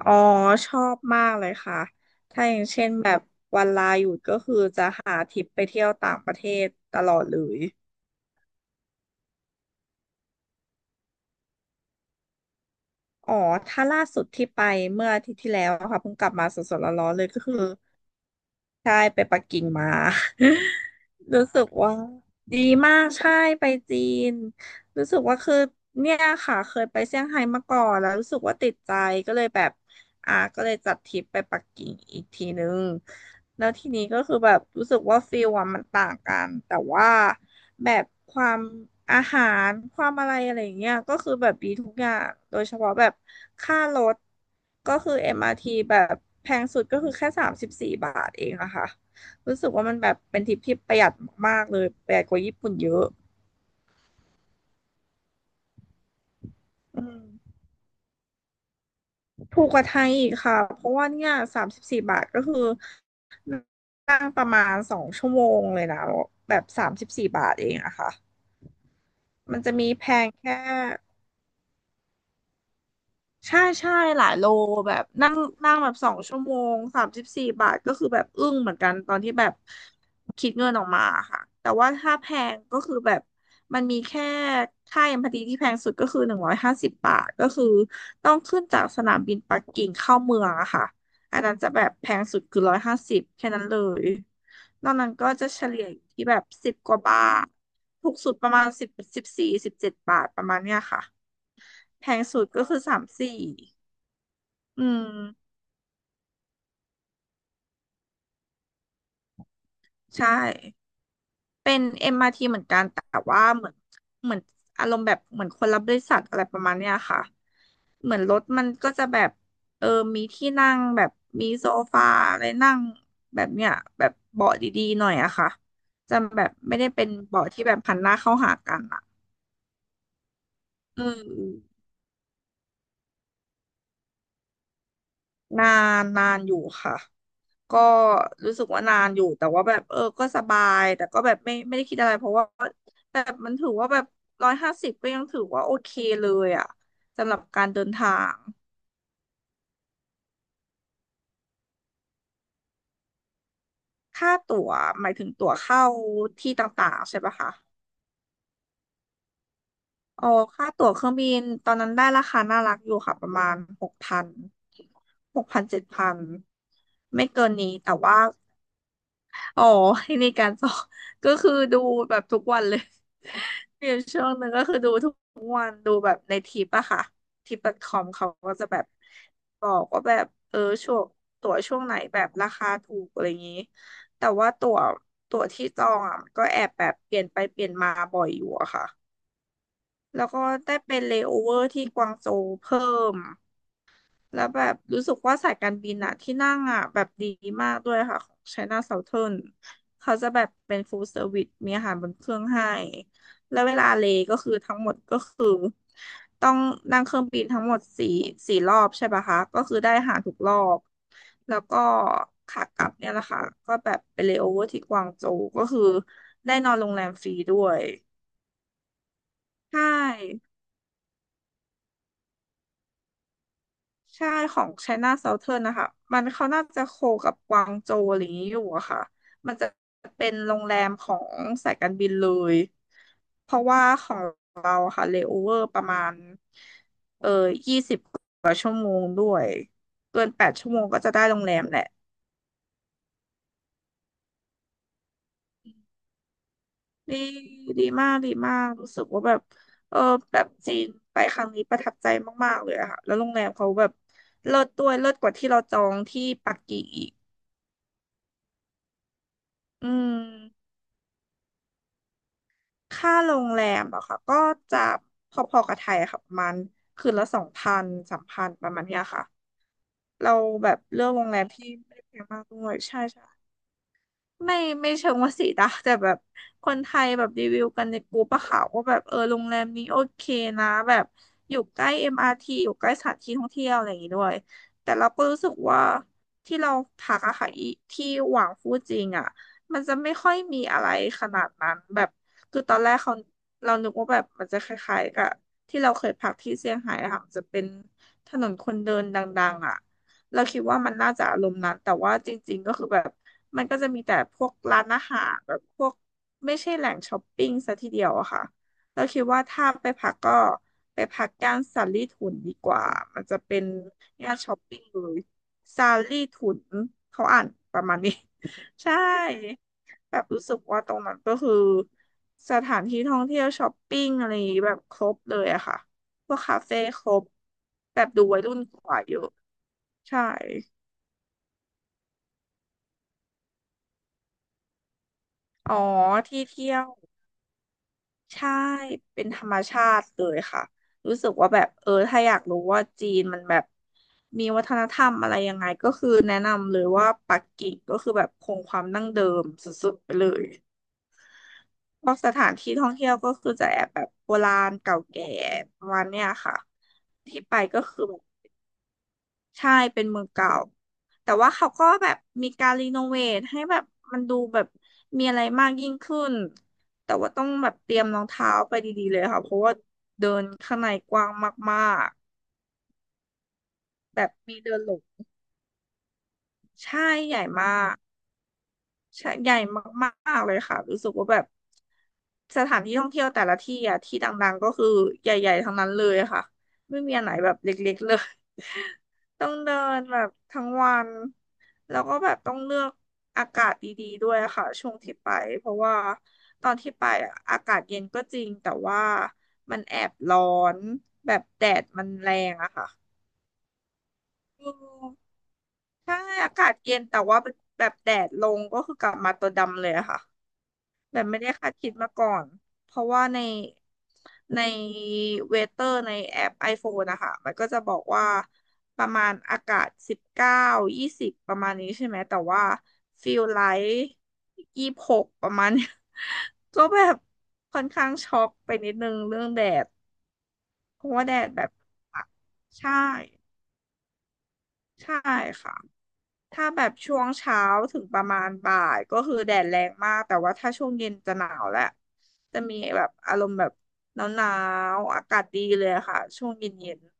อ๋อชอบมากเลยค่ะถ้าอย่างเช่นแบบวันลาหยุดก็คือจะหาทริปไปเที่ยวต่างประเทศตลอดเลยอ๋อถ้าล่าสุดที่ไปเมื่ออาทิตย์ที่แล้วอะค่ะเพิ่งกลับมาสดๆร้อนๆเลยก็คือใช่ไปปักกิ่งมา รู้สึกว่าดีมากใช่ไปจีนรู้สึกว่าคือเนี่ยค่ะเคยไปเซี่ยงไฮ้มาก่อนแล้วรู้สึกว่าติดใจก็เลยแบบ ก็เลยจัดทริปไปปักกิ่งอีกทีนึงแล้วทีนี้ก็คือแบบรู้สึกว่าฟิลอะมันต่างกันแต่ว่าแบบความอาหารความอะไรอะไรอย่างเงี้ยก็คือแบบดีทุกอย่างโดยเฉพาะแบบค่ารถก็คือ MRT แบบแพงสุดก็คือแค่สามสิบสี่บาทเองอะค่ะรู้สึกว่ามันแบบเป็นทริปที่ประหยัดมากๆเลยประหยัดกว่าญี่ปุ่นเยอะอืมถูกกว่าไทยอีกค่ะเพราะว่าเนี่ยสามสิบสี่บาทก็คือ นั่งประมาณ2 ชั่วโมงเลยนะแบบสามสิบสี่บาทเองอะค่ะมันจะมีแพงแค่ ใช่ใช่หลายโลแบบนั่งนั่งแบบ2 ชั่วโมง 34 บาทก็คือแบบอึ้งเหมือนกันตอนที่แบบคิดเงินออกมาค่ะแต่ว่าถ้าแพงก็คือแบบมันมีแค่ค่าเอ็มพาตีที่แพงสุดก็คือ150 บาทก็คือต้องขึ้นจากสนามบินปักกิ่งเข้าเมืองอะค่ะอันนั้นจะแบบแพงสุดคือร้อยห้าสิบแค่นั้นเลยนอกนั้นก็จะเฉลี่ยอยู่ที่แบบสิบกว่าบาทถูกสุดประมาณสิบสิบสี่สิบเจ็ดบาทประมาณเนี้ยค่ะแพงสุดก็คือสามสี่ อืมใช่เป็น MTเหมือนกันแต่ว่าเหมือนเหมือนอารมณ์แบบเหมือนคนรับบริษัทอะไรประมาณเนี้ยค่ะเหมือนรถมันก็จะแบบเออมีที่นั่งแบบมีโซฟาอะไรนั่งแบบเนี้ยแบบเบาะดีๆหน่อยอะค่ะจะแบบไม่ได้เป็นเบาะที่แบบหันหน้าเข้าหากันอะอืมนานอยู่ค่ะ ก็รู้สึกว่านานอยู่แต่ว่าแบบก็สบายแต่ก็แบบไม่ได้คิดอะไรเพราะว่าแบบมันถือว่าแบบร้อยห้าสิบก็ยังถือว่าโอเคเลยอ่ะสำหรับการเดินทางค่าตั๋วหมายถึงตั๋วเข้าที่ต่างๆใช่ปะคะอ๋อค่าตั๋วเครื่องบินตอนนั้นได้ราคาน่ารักอยู่ค่ะประมาณหกพัน7,000ไม่เกินนี้แต่ว่า อ๋อให้ในคการสอบ ก็คือดูแบบทุกวันเลย มีอยู่ช่วงหนึ่งก็คือดูทุกวันดูแบบในทิปอะค่ะทิปดอทคอมเขาก็จะแบบบอกว่าแบบช่วงตั๋วช่วงไหนแบบราคาถูกอะไรอย่างนี้แต่ว่าตั๋วที่จองอะก็แอบแบบเปลี่ยนไปเปลี่ยนมาบ่อยอยู่อะค่ะแล้วก็ได้เป็นเลโอเวอร์ที่กวางโจวเพิ่ม แล้วแบบรู้สึกว่าสายการบินอะที่นั่งอะแบบดีมากด้วยค่ะของ China Southern เขาจะแบบเป็น full service มีอาหารบนเครื่องให้ แล้วเวลาเลก็คือทั้งหมดก็คือต้องนั่งเครื่องบินทั้งหมดสี่รอบใช่ปะคะก็คือได้อาหารทุกรอบแล้วก็ขากลับเนี่ยแหละค่ะก็แบบไปเลโอเวอร์ที่กวางโจวก็คือได้นอนโรงแรมฟรีด้วยใช่ ใช่ของ China Southern นะคะ มันเขาน่าจะโคกับกวางโจวอะไรอย่างนี้อยู่อะค่ะ มันจะเป็นโรงแรมของสายการบินเลย เพราะว่าของเราอะค่ะเลโอเวอร์ประมาณเกิน8 ชั่วโมงก็จะได้โรงแรมแหละดีดีมากรู้สึกว่าแบบเออแบบจีนไปครั้งนี้ประทับใจมากๆเลยอะค่ะ แล้วโรงแรมเขาแบบเลิศด้วยเลิศกว่าที่เราจองที่ปักกิ่งอีกอืม ค่าโรงแรมอะค่ะก็จะพอๆกับไทยอะค่ะประมาณคืนละ2,0003,000ประมาณเนี้ยค่ะเราแบบเลือกโรงแรมที่ไม่แพงมากด้วยใช่ใช่ ไม่ไม่เชิงว่าสีดาแต่แบบคนไทยแบบรีวิวกันในกลุ่มปะค่ะว่าแบบเออโรงแรมนี้โอเคนะแบบอยู่ใกล้เอ็มอาร์ทีอยู่ใกล้สถานที่ท่องเที่ยวอะไรอย่างงี้ด้วยแต่เราก็รู้สึกว่าที่เราพักอะค่ะอีที่หวังฟูจิงอะมันจะไม่ค่อยมีอะไรขนาดนั้นแบบคือตอนแรกเรานึกว่าแบบมันจะคล้ายๆกับที่เราเคยพักที่เซี่ยงไฮ้อะค่ะมันจะเป็นถนนคนเดินดังๆอะ เราคิดว่ามันน่าจะอารมณ์นั้นแต่ว่าจริงๆก็คือแบบมันก็จะมีแต่พวกร้านอาหารแบบพวกไม่ใช่แหล่งช้อปปิ้งซะทีเดียวอะค่ะเราคิดว่าถ้าไปพักก็ไปพักย่านซารีถุนดีกว่ามันจะเป็นย่านช้อปปิ้งเลยซารีถุนเขาอ่านประมาณนี้ ใช่แบบรู้สึกว่าตรงนั้นก็คือสถานที่ท่องเที่ยวช้อปปิ้งอะไรอย่างงี้แบบครบเลยอะค่ะพวกคาเฟ่ครบแบบดูวัยรุ่นกว่าเยอะใช่ อ๋อที่เที่ยวใช่เป็นธรรมชาติเลยค่ะรู้สึกว่าแบบเออถ้าอยากรู้ว่าจีนมันแบบมีวัฒนธรรมอะไรยังไงก็คือแนะนำเลยว่าปักกิ่งก็คือแบบคงความดั้งเดิมสุดๆไปเลยพวกสถานที่ท่องเที่ยวก็คือจะแอบแบบโบราณเก่าแก่ประมาณเนี้ยค่ะที่ไปก็คือแบบ ใช่เป็นเมืองเก่าแต่ว่าเขาก็แบบมีการรีโนเวทให้แบบมันดูแบบมีอะไรมากยิ่งขึ้นแต่ว่าต้องแบบเตรียมรองเท้าไปดีๆเลยค่ะเพราะว่าเดินข้างในกว้างมากๆแบบมีเดินหลงใช่ใหญ่มาก ใช่ใหญ่มากๆเลยค่ะรู้สึกว่าแบบสถานที่ท่องเที่ยวแต่ละที่อ่ะที่ดังๆก็คือใหญ่ๆทั้งนั้นเลยค่ะไม่มีอันไหนแบบเล็กๆเลย ต้องเดินแบบทั้งวันแล้วก็แบบต้องเลือกอากาศดีๆด้วยค่ะช่วงที่ไปเพราะว่าตอนที่ไปอะอากาศเย็นก็จริงแต่ว่ามันแอบร้อนแบบแดดมันแรงอะค่ะอืมใช่อากาศเย็นแต่ว่าแบบแดดลงก็คือกลับมาตัวดำเลยอะค่ะ แบบไม่ได้คาดคิดมาก่อน เพราะว่าในเวเตอร์ในแอป iPhone นะคะ มันก็จะบอกว่าประมาณอากาศ19ยี่สิบประมาณนี้ใช่ไหม แต่ว่าฟิลไลท์26ประมาณเนี้ย ก็แบบค่อนข้างช็อกไปนิดนึงเรื่องแดด เพราะว่าแดดแบบใช่ใช่ค่ะ ถ้าแบบช่วงเช้าถึงประมาณบ่ายก็คือแดดแรงมากแต่ว่าถ้าช่วงเย็นจะหนาวแล้วจะมีแบบอารมณ์แบบหนาวๆอากาศดีเลยอะค่ะช่วงเย็นๆ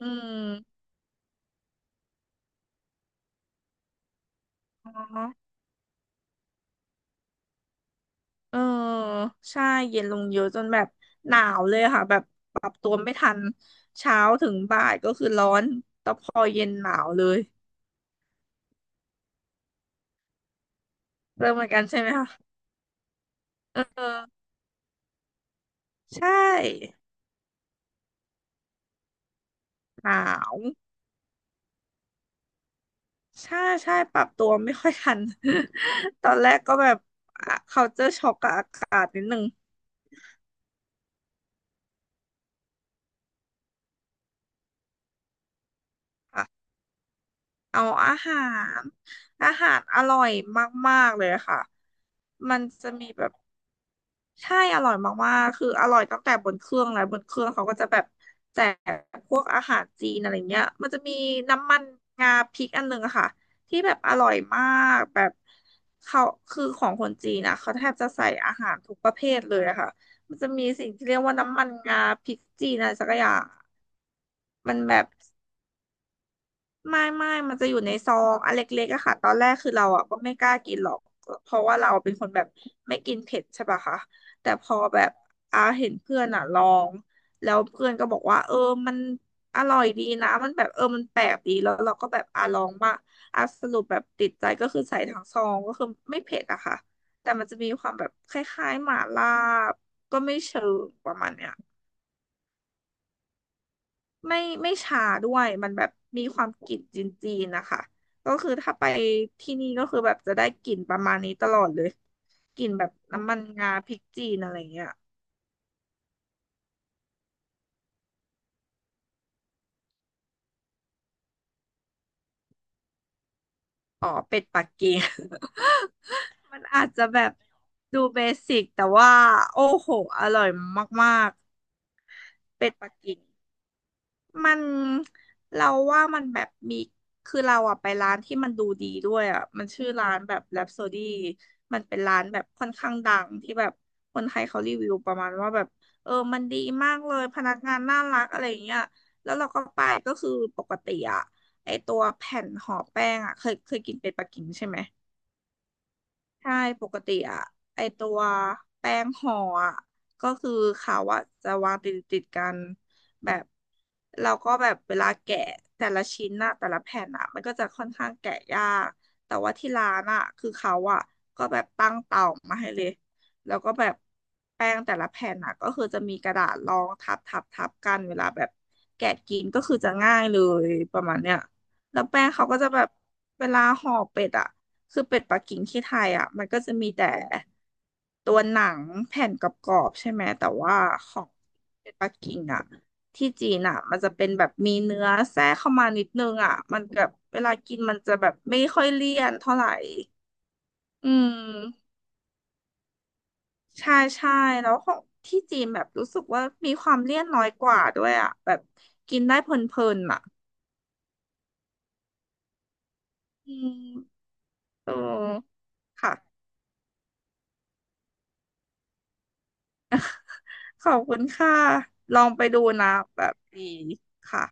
อืมอ๋อเออใช่เย็นลงเยอะจนแบบหนาวเลยค่ะแบบปรับตัวไม่ทันเช้าถึงบ่ายก็คือร้อนแต่พอเย็นหนาวเลยเริ่มเหมือนกันใช่ไหมคะเออใช่หนาว ใช่ใช่ปรับตัวไม่ค่อยทัน ตอนแรกก็แบบเ t าเจอช็อกกับอากาศนิดนึงอะเอารอาหารอร่อยมากๆเลยค่ะมันจะมีแบบ ใช่อร่อยมากๆคืออร่อยตั้งแต่บนเครื่องแล้วบนเครื่องเขาก็จะแบบแจกพวกอาหารจีนอะไรเงี้ยมันจะมีน้ำมันงาพริกอันหนึ่งอะค่ะที่แบบอร่อยมากแบบเขาคือของคนจีนนะเขาแทบจะใส่อาหารทุกประเภทเลยอะค่ะมันจะมีสิ่งที่เรียกว่าน้ำมันงาพริกจีนอะไรสักอย่างมันแบบ ไม่มันจะอยู่ในซองอันเล็กๆอะค่ะตอนแรกคือเราอะก็ไม่กล้ากินหรอก เพราะว่าเราเป็นคนแบบไม่กินเผ็ดใช่ปะคะแต่พอแบบอาเห็นเพื่อนอะลองแล้วเพื่อนก็บอกว่าเออมันอร่อยดีนะมันแบบเออมันแปลกดีแล้วเราก็แบบอาลองมาอาสรุปแบบติดใจก็คือใส่ทั้งซองก็คือไม่เผ็ดอะค่ะแต่มันจะมีความแบบคล้ายๆหม่าล่าก็ไม่เชิงประมาณเนี้ย ไม่ไม่ชาด้วยมันแบบมีความกลิ่นจีนๆนะคะก็คือถ้าไปที่นี่ก็คือแบบจะได้กลิ่นประมาณนี้ตลอดเลยกลิ่นแบบน้ำมันงาพริกจีนอะไรเงี้ยอ๋อเป็ดปักกิ่ง มันอาจจะแบบดูเบสิกแต่ว่าโอ้โหอร่อยมากๆเป็ดปักกิ่ง มันเราว่ามันแบบมีคือเราอะไปร้านที่มันดูดีด้วยอะมันชื่อร้านแบบ Rhapsody มันเป็นร้านแบบค่อนข้างดังที่แบบคนไทยเขารีวิวประมาณว่าแบบเออมันดีมากเลยพนักงานน่ารักอะไรอย่างเงี้ยแล้วเราก็ไปก็คือปกติอะไอตัวแผ่นห่อแป้งอะเคยกินเป็นปักกิ่งใช่ไหม ใช่ปกติอะไอตัวแป้งห่ออะก็คือเขาอะจะวางติดกันแบบเราก็แบบเวลาแกะแต่ละชิ้นอะแต่ละแผ่นอะมันก็จะค่อนข้างแกะยากแต่ว่าที่ร้านอะคือเขาอะก็แบบตั้งเตามาให้เลยแล้วก็แบบแป้งแต่ละแผ่นอะก็คือจะมีกระดาษรองทับทับทับกันเวลาแบบแกะกินก็คือจะง่ายเลยประมาณเนี้ยแล้วแป้งเขาก็จะแบบเวลาห่อเป็ดอะ คือเป็ดปักกิ่งที่ไทยอ่ะมันก็จะมีแต่ตัวหนังแผ่นกรอบๆใช่ไหมแต่ว่าของเป็ดปักกิ่งอ่ะที่จีนอ่ะมันจะเป็นแบบมีเนื้อแทรกเข้ามานิดนึงอ่ะมันแบบเวลากินมันจะแบบไม่ค่อยเลี่ยนเท่าไหร่อืมใช่ใช่แล้วของที่จีนแบบรู้สึกว่ามีความเลี่ยนน้อยกว่าด้วยอ่ะแบบกินได้เพลินๆอ่ะอืมเออค่ะขอบคุณค่ะลองไปดูนะแบบดีค่ะ